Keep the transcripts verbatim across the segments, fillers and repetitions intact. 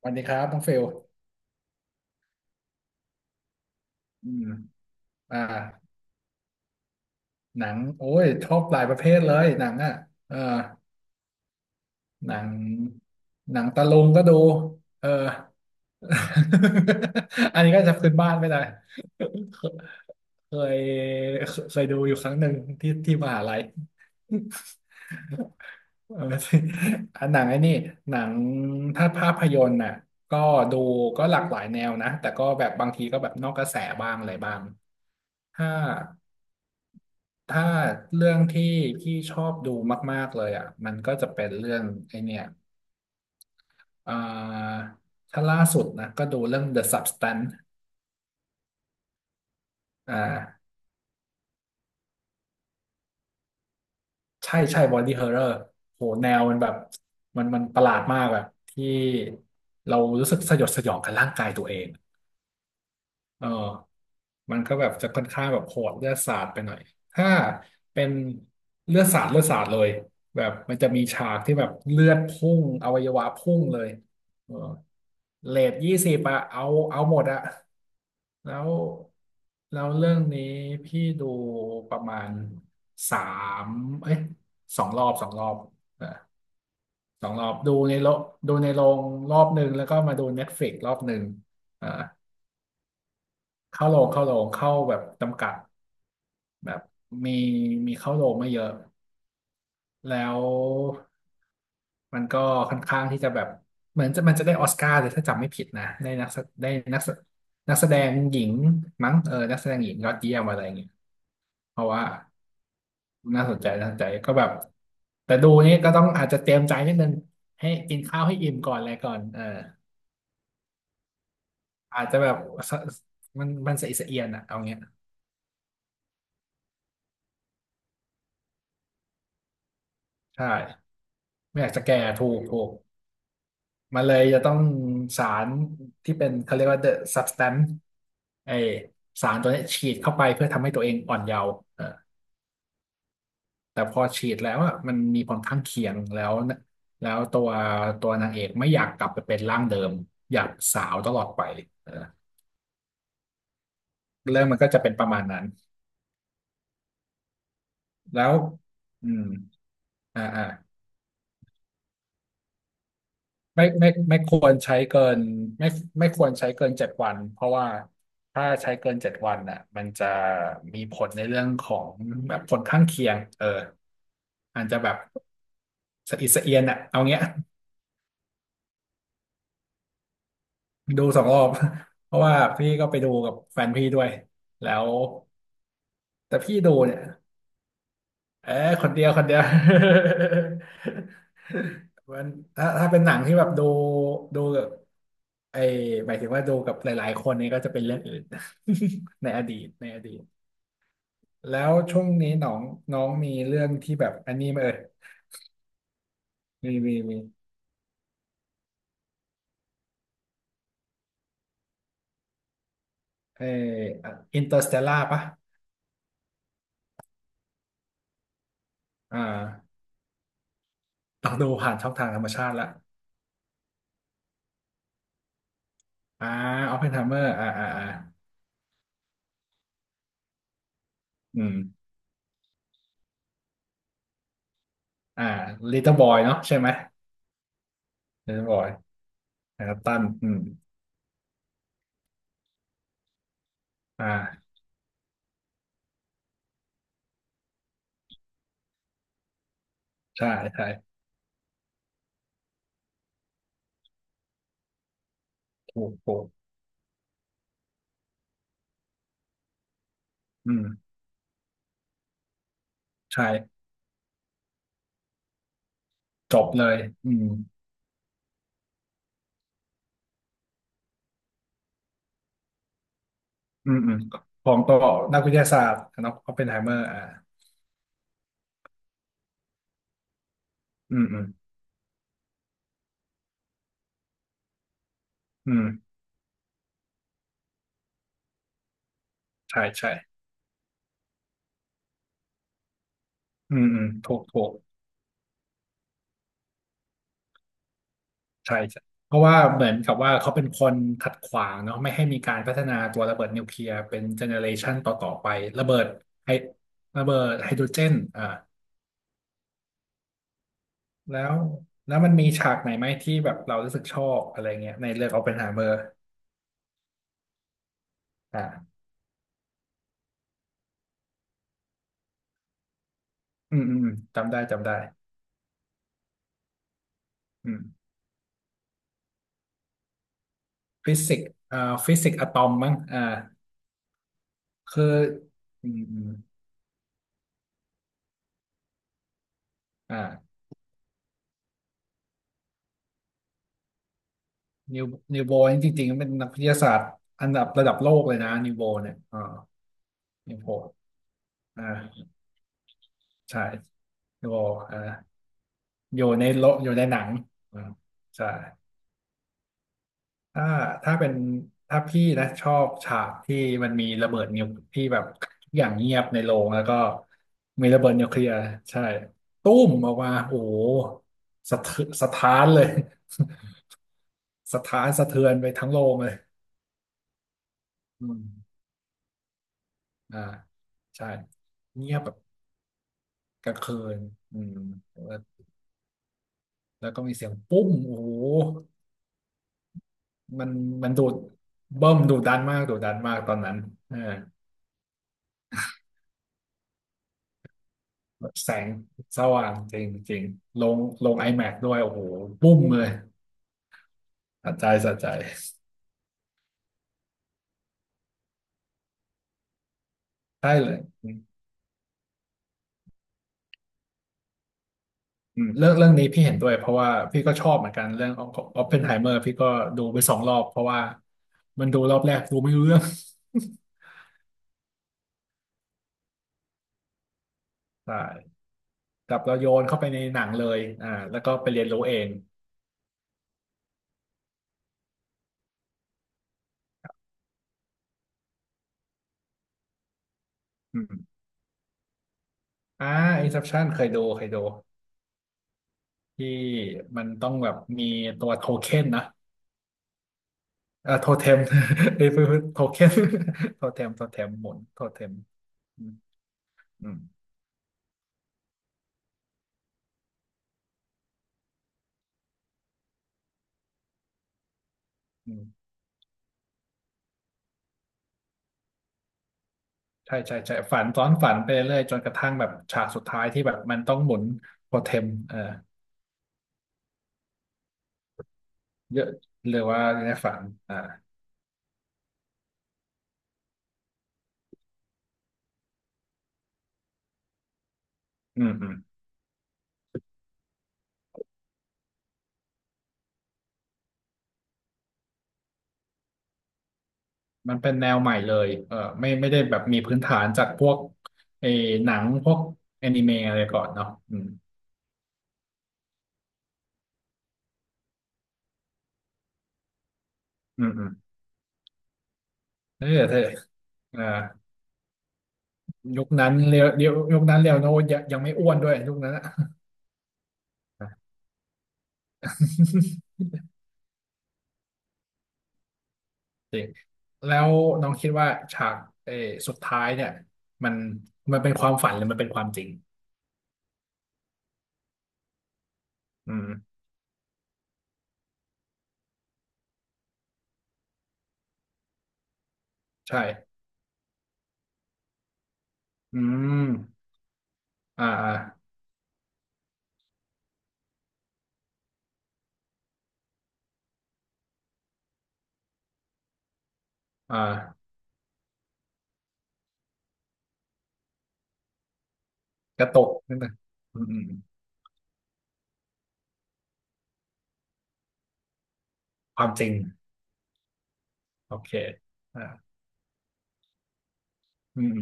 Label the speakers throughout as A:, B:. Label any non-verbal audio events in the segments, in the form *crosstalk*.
A: สวัสดีครับน้องเฟลอืมอ่าหนังโอ้ยชอบหลายประเภทเลยหนังอ่ะเออหนังหนังตะลุงก็ดูเออ *laughs* อันนี้ก็จะพื้นบ้านไม่ได้เคยเคยดูอยู่ครั้งหนึ่งที่ที่มหาลัย *laughs* เอออันหนังไอ้นี่หนังถ้าภาพยนตร์น่ะก็ดูก็หลากหลายแนวนะแต่ก็แบบบางทีก็แบบนอกกระแสบ้างอะไรบ้างถ้า ถ้าเรื่องที่พี่ชอบดูมากๆเลยอ่ะมันก็จะเป็นเรื่องไอเนี่ยอ่าถ้าล่าสุดนะก็ดูเรื่อง The Substance อ่าใช่ใช่ Body Horror โหแนวมันแบบมันมันประหลาดมากแบบที่เรารู้สึกสยดสยองกับร่างกายตัวเอง เออมันก็แบบจะค่อนข้างแบบโหดเลือดสาดไปหน่อยถ้าเป็นเลือดสาดเลือดสาดเลยแบบมันจะมีฉากที่แบบเลือดพุ่งอวัยวะพุ่งเลยเออเรทยี่สิบอะเอาเอาหมดอะแล้วแล้วเรื่องนี้พี่ดูประมาณสามเอ้ยสองรอบสองรอบเออสองรอบดูในโรงดูในโรงรอบหนึ่งแล้วก็มาดูเน็ตฟล x กรอบหนึ่งอ่า เข้าโรงเข้าโรงเข้าแบบจำกัดแบบมีมีเข้าโรงไม่เยอะแล้วมันก็ค่อนข้างที่จะแบบเหมือนจะมันจะได้ออสการ์เลยถ้าจำไม่ผิดนะได้นักแสได้นักแสนักแสดงหญิงมั้งเออนักแสดงหญิงยอดเยี่ยมอะไรอย่างเงี้ยเพราะว่าน่าสนใจน่าสนใจก็แบบแต่ดูนี่ก็ต้องอาจจะเตรียมใจนิดนึงให้กินข้าวให้อิ่มก่อนอะไรก่อนเอออาจจะแบบสมันมันสะอิดสะเอียนอะเอาเงี้ยใช่ไม่อยากจะแก่ถูกถูก มันเลยจะต้องสารที่เป็นเขาเรียกว่า the substance ไอสารตัวเนี้ยฉีดเข้าไปเพื่อทำให้ตัวเองอ่อนเยาว์เออแต่พอฉีดแล้วอ่ะมันมีผลข้างเคียงแล้วนะแล้วตัวตัวนางเอกไม่อยากกลับไปเป็นร่างเดิมอยากสาวตลอดไปเออเรื่องมันก็จะเป็นประมาณนั้นแล้วอืมอ่าอ่า ไม่ไม่ไม่ควรใช้เกินไม่ไม่ควรใช้เกินเจ็ดวันเพราะว่าถ้าใช้เกินเจ็ดวันน่ะมันจะมีผลในเรื่องของแบบผลข้างเคียงเอออาจจะแบบสะอิดสะเอียนอ่ะเอาเงี้ยดูสองรอบ *laughs* เพราะว่าพี่ก็ไปดูกับแฟนพี่ด้วยแล้วแต่พี่ดูเนี่ยเออคนเดียวคนเดียว *laughs* มันถ้าถ้าเป็นหนังที่แบบดูดู ไอหมายถึงว่าดูกับหลายๆคนนี้ก็จะเป็นเรื่องอื่น *laughs* ในอดีตในอดีตแล้วช่วงนี้น้องน้องมีเรื่องที่แบบอันนี้ไหมเอ่ยมีมีมีไออินเตอร์สเตลล่าปะอ่าต้องดูผ่านช่องทางธรรมชาติละอ่าออปเพนไฮเมอร์อ่าอ่าอ่าอืมอ่าลิตเติ้ลบอยเนาะใช่ไหมลิตเติ้ลบอยนะครับตันอืมอ่าใช่ใช่ถูกถูกอืมใช่จบเลยอืมอืมอืมของตัวนักวิทยาศาสตร์เนอะออปเพนไฮเมอร์อ่า อืมอืมอืมใช่ใช่อืมอืมถูกถูกใช่ใช่เพราะว่าเหมือนกับว่าเขาเป็นคนขัดขวางเนาะไม่ให้มีการพัฒนาตัวระเบิดนิวเคลียร์เป็นเจเนอเรชันต่อต่อไประเบิดไฮระเบิดไฮโดรเจนอ่าแล้วแล้วมันมีฉากไหนไหมที่แบบเรารู้สึกชอบอะไรเงี้ยในเรื่องโอปเพนไฮเมอร์อ่าอืมอืมอืมจำได้จำได้อืมฟิสิกส์อ่าฟิสิกส์อะตอมมั้งอ่าคืออืมอืมอ่า นิวนิวโบนี่จริงๆเป็นนักวิทยาศาสตร์อันดับระดับโลกเลยนะนิวโบเนี่ยอ่านิวโบอ่าใช่นิวโบอ่าอยู่ในโลกอยู่ในหนังอ่าใช่ถ้าถ้าเป็นถ้าพี่นะชอบฉากที่มันมีระเบิดนิวที่แบบทุกอย่างเงียบในโรงแล้วก็มีระเบิดนิวเคลียร์ใช่ตุ้มออกมาโอ้โหสะเทืสะท้านเลย *laughs* สะท้านสะเทือนไปทั้งโรงเลยอืมอ่าใช่เงียบแบบ กลางคืนอืมแล้วแล้วก็มีเสียงปุ้มโอ้โหมันมันดูดเบิ่มดูดันมากดูดันมากตอนนั้นเออแบบแสงสว่างจริงจริงลงลง iMac ด้วยโอ้โหปุ้มเลยสะใจสะใจใช่เลยอืมอืมเรื่องเรื่องนี้พี่เห็นด้วยเพราะว่าพี่ก็ชอบเหมือนกันเรื่องของออปเพนไฮเมอร์พี่ก็ดูไปสองรอบเพราะว่ามันดูรอบแรกดูไม่รู้เรื่อง *laughs* ใช่กับเราโยนเข้าไปในหนังเลยอ่าแล้วก็ไปเรียนรู้เองอืม อ่า Inception เคยดูเคยดูที่มันต้องแบบมีตัวโทเค็นนะเอ่อโทเทม *laughs* เอ้ยโทเค็น *laughs* โทเทมโทเทมหมุนโทเทมอืมอืมอืมใช่ใช่ใช่ฝันซ้อนฝันไปเรื่อยจนกระทั่งแบบฉากสุดท้ายที่แบบมันต้องหมุนโทเทมเออเยอะหรือว่าในฝันอ่าอืมอืมมันเป็นแนวใหม่เลยเออไม่ไม่ได้แบบมีพื้นฐานจากพวกไอ้หนังพวกแอนิเมะอะไรก่อนเนาะอืมอืมอืมเออเธออ่า ยุคนั้นเรียวเรียวยุคนั้นเรียวโนยังยังไม่อ้วนด้วยยุคนั้นอะ *laughs* จริงแล้วน้องคิดว่าฉากเออสุดท้ายเนี่ยมันมันเป็นความฝันหรือมันเป็นความจริงอืมใช่อืมอ่าอ่าอ่ากระตกนิดนึงอืมอืมความจริงโอเคอ่าอืม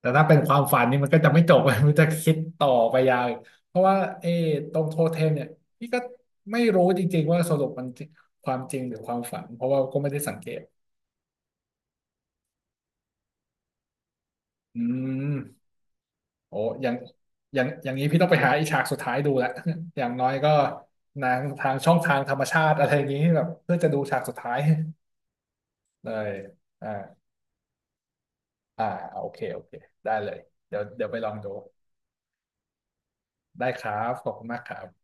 A: แต่ถ้าเป็นความฝันนี่มันก็จะไม่จบ *laughs* มันจะคิดต่อไปยาวอีกเพราะว่าเออตรงโทเทมเนี่ยพี่ก็ไม่รู้จริงๆว่าสรุปมันจริงความจริงหรือความฝันเพราะว่าก็ไม่ได้สังเกตอืมโอ้อย่างอย่างอย่างนี้พี่ต้องไปหาอีฉากสุดท้ายดูละ *laughs* อย่างน้อยก็นางทางช่องทางธรรมชาติอะไรอย่างนี้แบบเพื่อจะดูฉากสุดท้าย *laughs* เลยอ่าอ่าโอเคโอเคได้เลยเดี๋ยวเดี๋ยวไปลองดูได้ครับขอบคุณมากครับ